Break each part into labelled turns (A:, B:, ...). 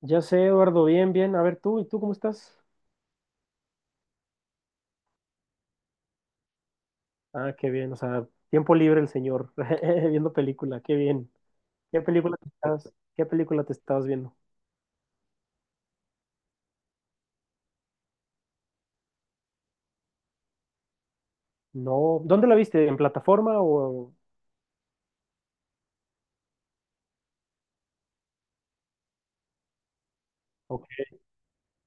A: Ya sé, Eduardo, bien, bien. A ver, tú, ¿y tú cómo estás? Ah, qué bien, o sea, tiempo libre el señor, viendo película, qué bien. ¿Qué película te estás, ¿qué película te estabas viendo? No, ¿dónde la viste? ¿En plataforma o...? Ok,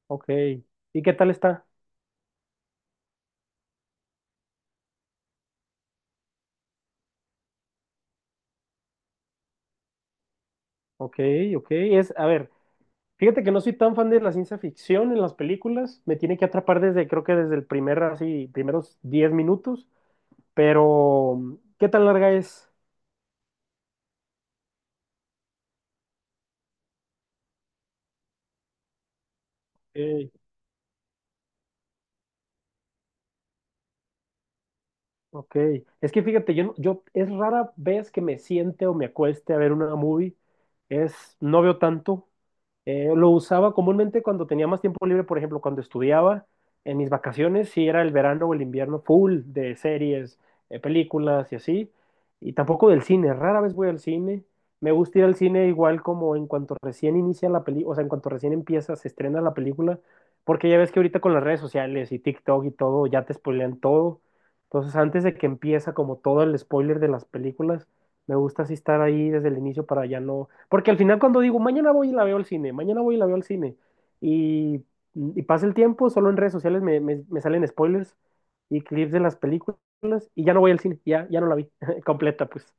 A: ok. ¿Y qué tal está? Ok, ok. Es, a ver, fíjate que no soy tan fan de la ciencia ficción en las películas. Me tiene que atrapar desde, creo que desde el primer, así, primeros 10 minutos. Pero, ¿qué tan larga es? Ok, ok, es que fíjate, yo, yo es rara vez que me siente o me acueste a ver una movie, no veo tanto. Lo usaba comúnmente cuando tenía más tiempo libre, por ejemplo, cuando estudiaba, en mis vacaciones, si era el verano o el invierno, full de series, películas y así, y tampoco del cine, rara vez voy al cine. Me gusta ir al cine igual como en cuanto recién inicia la película, o sea, en cuanto recién empieza, se estrena la película, porque ya ves que ahorita con las redes sociales y TikTok y todo, ya te spoilean todo. Entonces, antes de que empieza como todo el spoiler de las películas, me gusta así estar ahí desde el inicio para ya no. Porque al final, cuando digo mañana voy y la veo al cine, mañana voy y la veo al cine, y, y pasa el tiempo, solo en redes sociales me salen spoilers y clips de las películas, y ya no voy al cine, ya, ya no la vi completa, pues.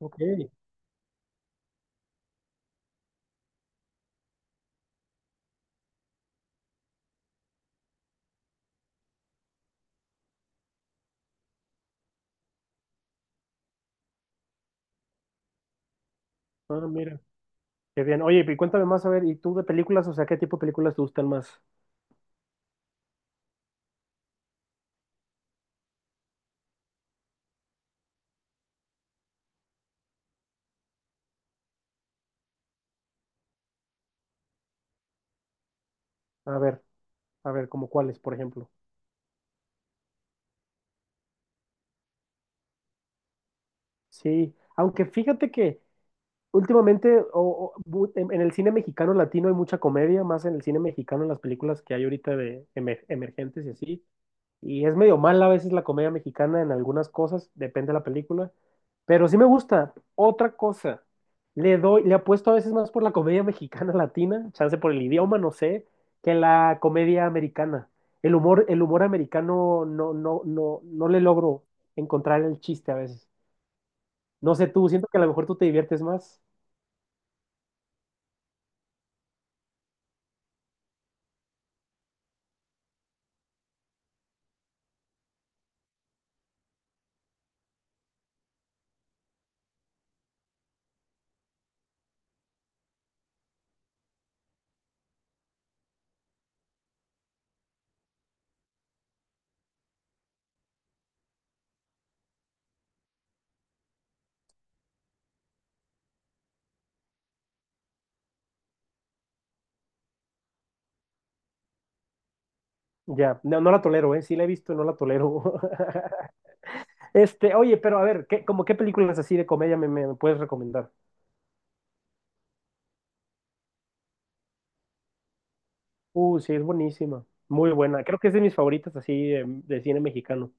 A: Ok, ah, mira, qué bien. Oye, y cuéntame más, a ver, ¿y tú de películas? O sea, ¿qué tipo de películas te gustan más? A ver, a ver, como cuáles, por ejemplo. Sí, aunque fíjate que últimamente, en el cine mexicano latino hay mucha comedia, más en el cine mexicano, en las películas que hay ahorita de emergentes y así. Y es medio mala a veces la comedia mexicana en algunas cosas, depende de la película. Pero sí me gusta. Otra cosa, le apuesto a veces más por la comedia mexicana latina, chance por el idioma, no sé, que la comedia americana. El humor americano no le logro encontrar el chiste a veces. No sé tú, siento que a lo mejor tú te diviertes más. Ya, no, no la tolero, ¿eh? Sí la he visto y no la tolero. Este, oye, pero a ver, como qué películas así de comedia me puedes recomendar? Sí, es buenísima. Muy buena. Creo que es de mis favoritas así de cine mexicano.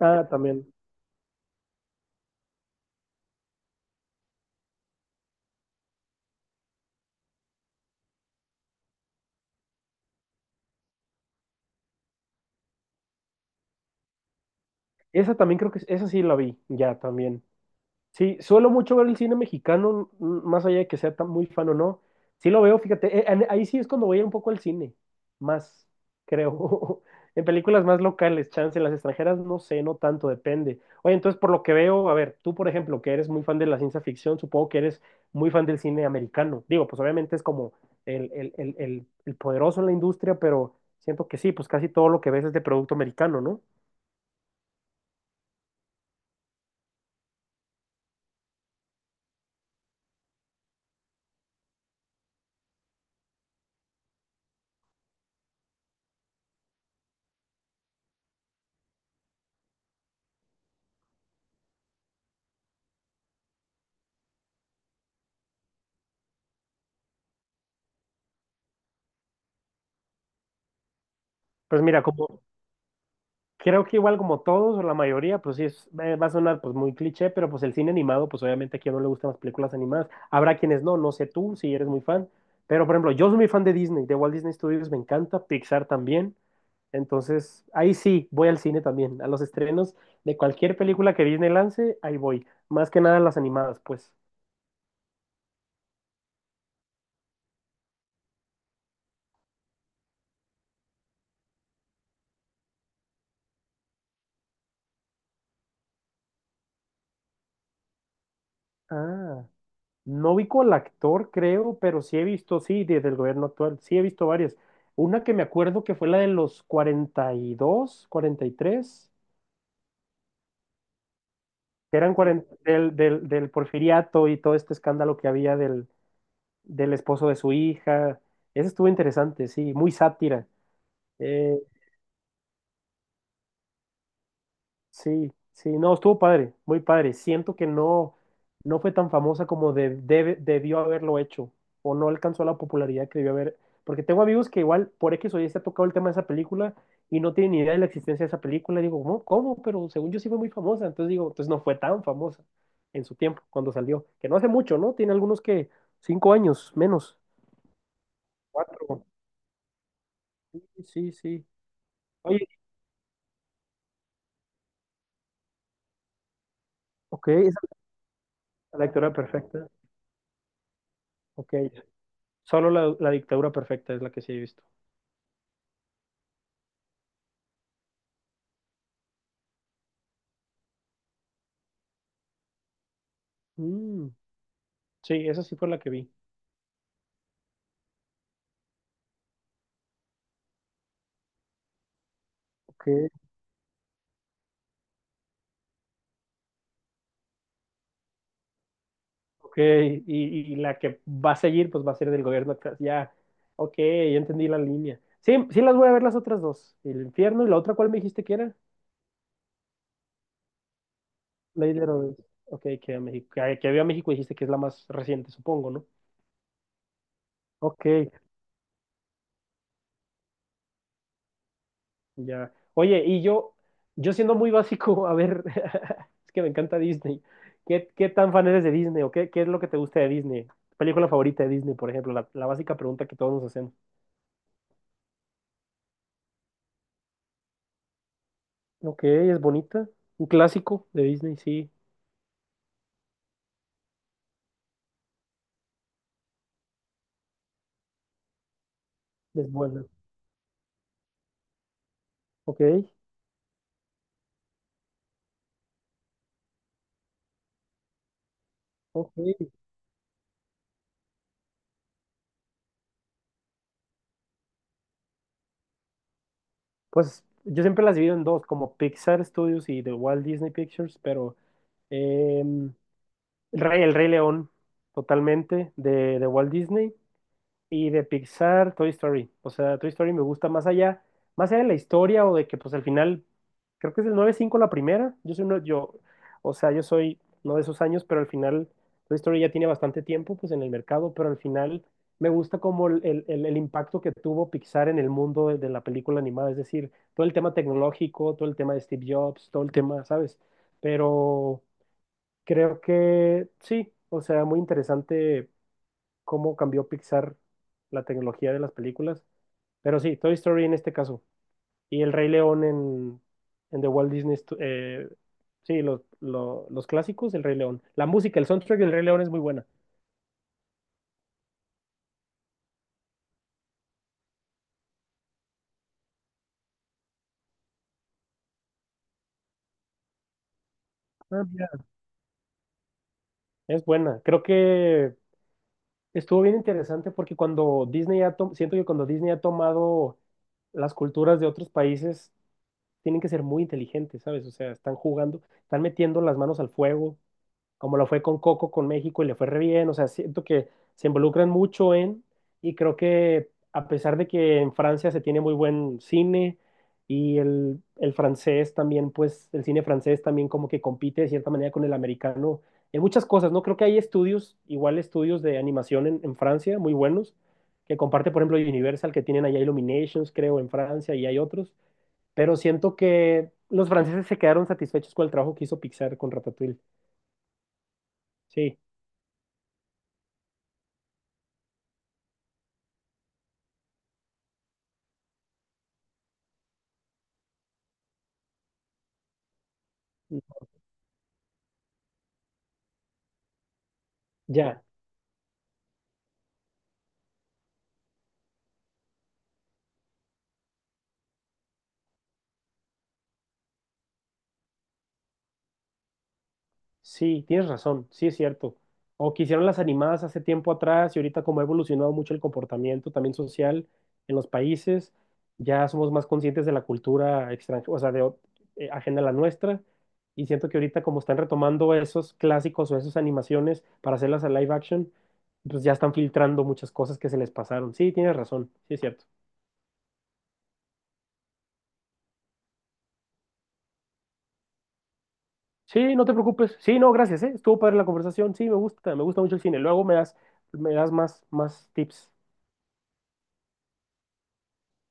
A: Ah, también. Esa también creo que, esa sí la vi, ya, también. Sí, suelo mucho ver el cine mexicano, más allá de que sea tan muy fan o no. Sí lo veo, fíjate, ahí sí es cuando voy un poco al cine, más, creo. En películas más locales, chance, en las extranjeras no sé, no tanto, depende. Oye, entonces por lo que veo, a ver, tú por ejemplo, que eres muy fan de la ciencia ficción, supongo que eres muy fan del cine americano. Digo, pues obviamente es como el poderoso en la industria, pero siento que sí, pues casi todo lo que ves es de producto americano, ¿no? Pues mira, como, creo que igual como todos o la mayoría, pues sí, es, va a sonar pues muy cliché, pero pues el cine animado, pues obviamente a quien no le gustan las películas animadas, habrá quienes no, no sé tú si eres muy fan, pero por ejemplo, yo soy muy fan de Disney, de Walt Disney Studios me encanta, Pixar también, entonces ahí sí, voy al cine también, a los estrenos de cualquier película que Disney lance, ahí voy, más que nada las animadas, pues. Ah. No vi con el actor, creo, pero sí he visto, sí, desde el gobierno actual, sí he visto varias. Una que me acuerdo que fue la de los 42, 43, que eran 40 del Porfiriato y todo este escándalo que había del esposo de su hija. Esa estuvo interesante, sí, muy sátira. Eh, Sí, sí, no, estuvo padre, muy padre. Siento que no, no fue tan famosa como debió haberlo hecho, o no alcanzó la popularidad que debió haber. Porque tengo amigos que igual por X o Y se ha tocado el tema de esa película y no tienen ni idea de la existencia de esa película. Digo, ¿cómo? ¿Cómo? Pero según yo sí fue muy famosa. Entonces digo, entonces no fue tan famosa en su tiempo, cuando salió. Que no hace mucho, ¿no? Tiene algunos que 5 años, menos. Cuatro. Sí, sí. Oye, ok, esa es la dictadura perfecta. Ok, solo la, la dictadura perfecta es la que sí he visto. Mm, sí, esa sí fue la que vi. Ok, ok, y la que va a seguir, pues va a ser del gobierno acá. Ya, ok, ya entendí la línea. Sí, sí las voy a ver las otras dos. El infierno y la otra, ¿cuál me dijiste que era? Lady Herodes. Ok, que vio a México y dijiste que es la más reciente, supongo, ¿no? Ok. Ya. Oye, y yo siendo muy básico, a ver, es que me encanta Disney. ¿Qué, qué tan fan eres de Disney o qué, qué es lo que te gusta de Disney? ¿Tu ¿Película favorita de Disney, por ejemplo? La básica pregunta que todos nos hacemos. Ok, es bonita. Un clásico de Disney, sí, es buena. Ok, ok. Pues yo siempre las divido en dos, como Pixar Studios y The Walt Disney Pictures, pero em, el Rey León, totalmente, de Walt Disney. Y de Pixar, Toy Story. O sea, Toy Story me gusta más allá de la historia o de que pues al final, creo que es el 95 la primera. Yo soy uno, yo, o sea, yo soy no de esos años, pero al final Toy Story ya tiene bastante tiempo pues en el mercado, pero al final me gusta como el impacto que tuvo Pixar en el mundo de la película animada. Es decir, todo el tema tecnológico, todo el tema de Steve Jobs, todo el tema, ¿sabes? Pero creo que sí, o sea, muy interesante cómo cambió Pixar la tecnología de las películas. Pero sí, Toy Story en este caso. Y El Rey León en The Walt Disney. Sí, los clásicos, El Rey León. La música, el soundtrack del Rey León es muy buena. Ah, mira. Es buena. Creo que estuvo bien interesante porque cuando Disney siento que cuando Disney ha tomado las culturas de otros países, tienen que ser muy inteligentes, ¿sabes? O sea, están jugando, están metiendo las manos al fuego como lo fue con Coco, con México y le fue re bien. O sea, siento que se involucran mucho en, y creo que a pesar de que en Francia se tiene muy buen cine y el francés también, pues el cine francés también como que compite de cierta manera con el americano en muchas cosas, ¿no? Creo que hay estudios, igual estudios de animación en Francia, muy buenos, que comparte, por ejemplo, Universal, que tienen allá Illuminations, creo, en Francia y hay otros, pero siento que los franceses se quedaron satisfechos con el trabajo que hizo Pixar con Ratatouille. Sí. Ya, sí, tienes razón, sí es cierto. O que hicieron las animadas hace tiempo atrás y ahorita como ha evolucionado mucho el comportamiento también social en los países, ya somos más conscientes de la cultura extranjera, o sea, de, ajena a la nuestra. Y siento que ahorita como están retomando esos clásicos o esas animaciones para hacerlas a live action, pues ya están filtrando muchas cosas que se les pasaron. Sí, tienes razón, sí es cierto. Sí, no te preocupes. Sí, no, gracias, ¿eh? Estuvo padre la conversación. Sí, me gusta mucho el cine. Luego me das más, más tips.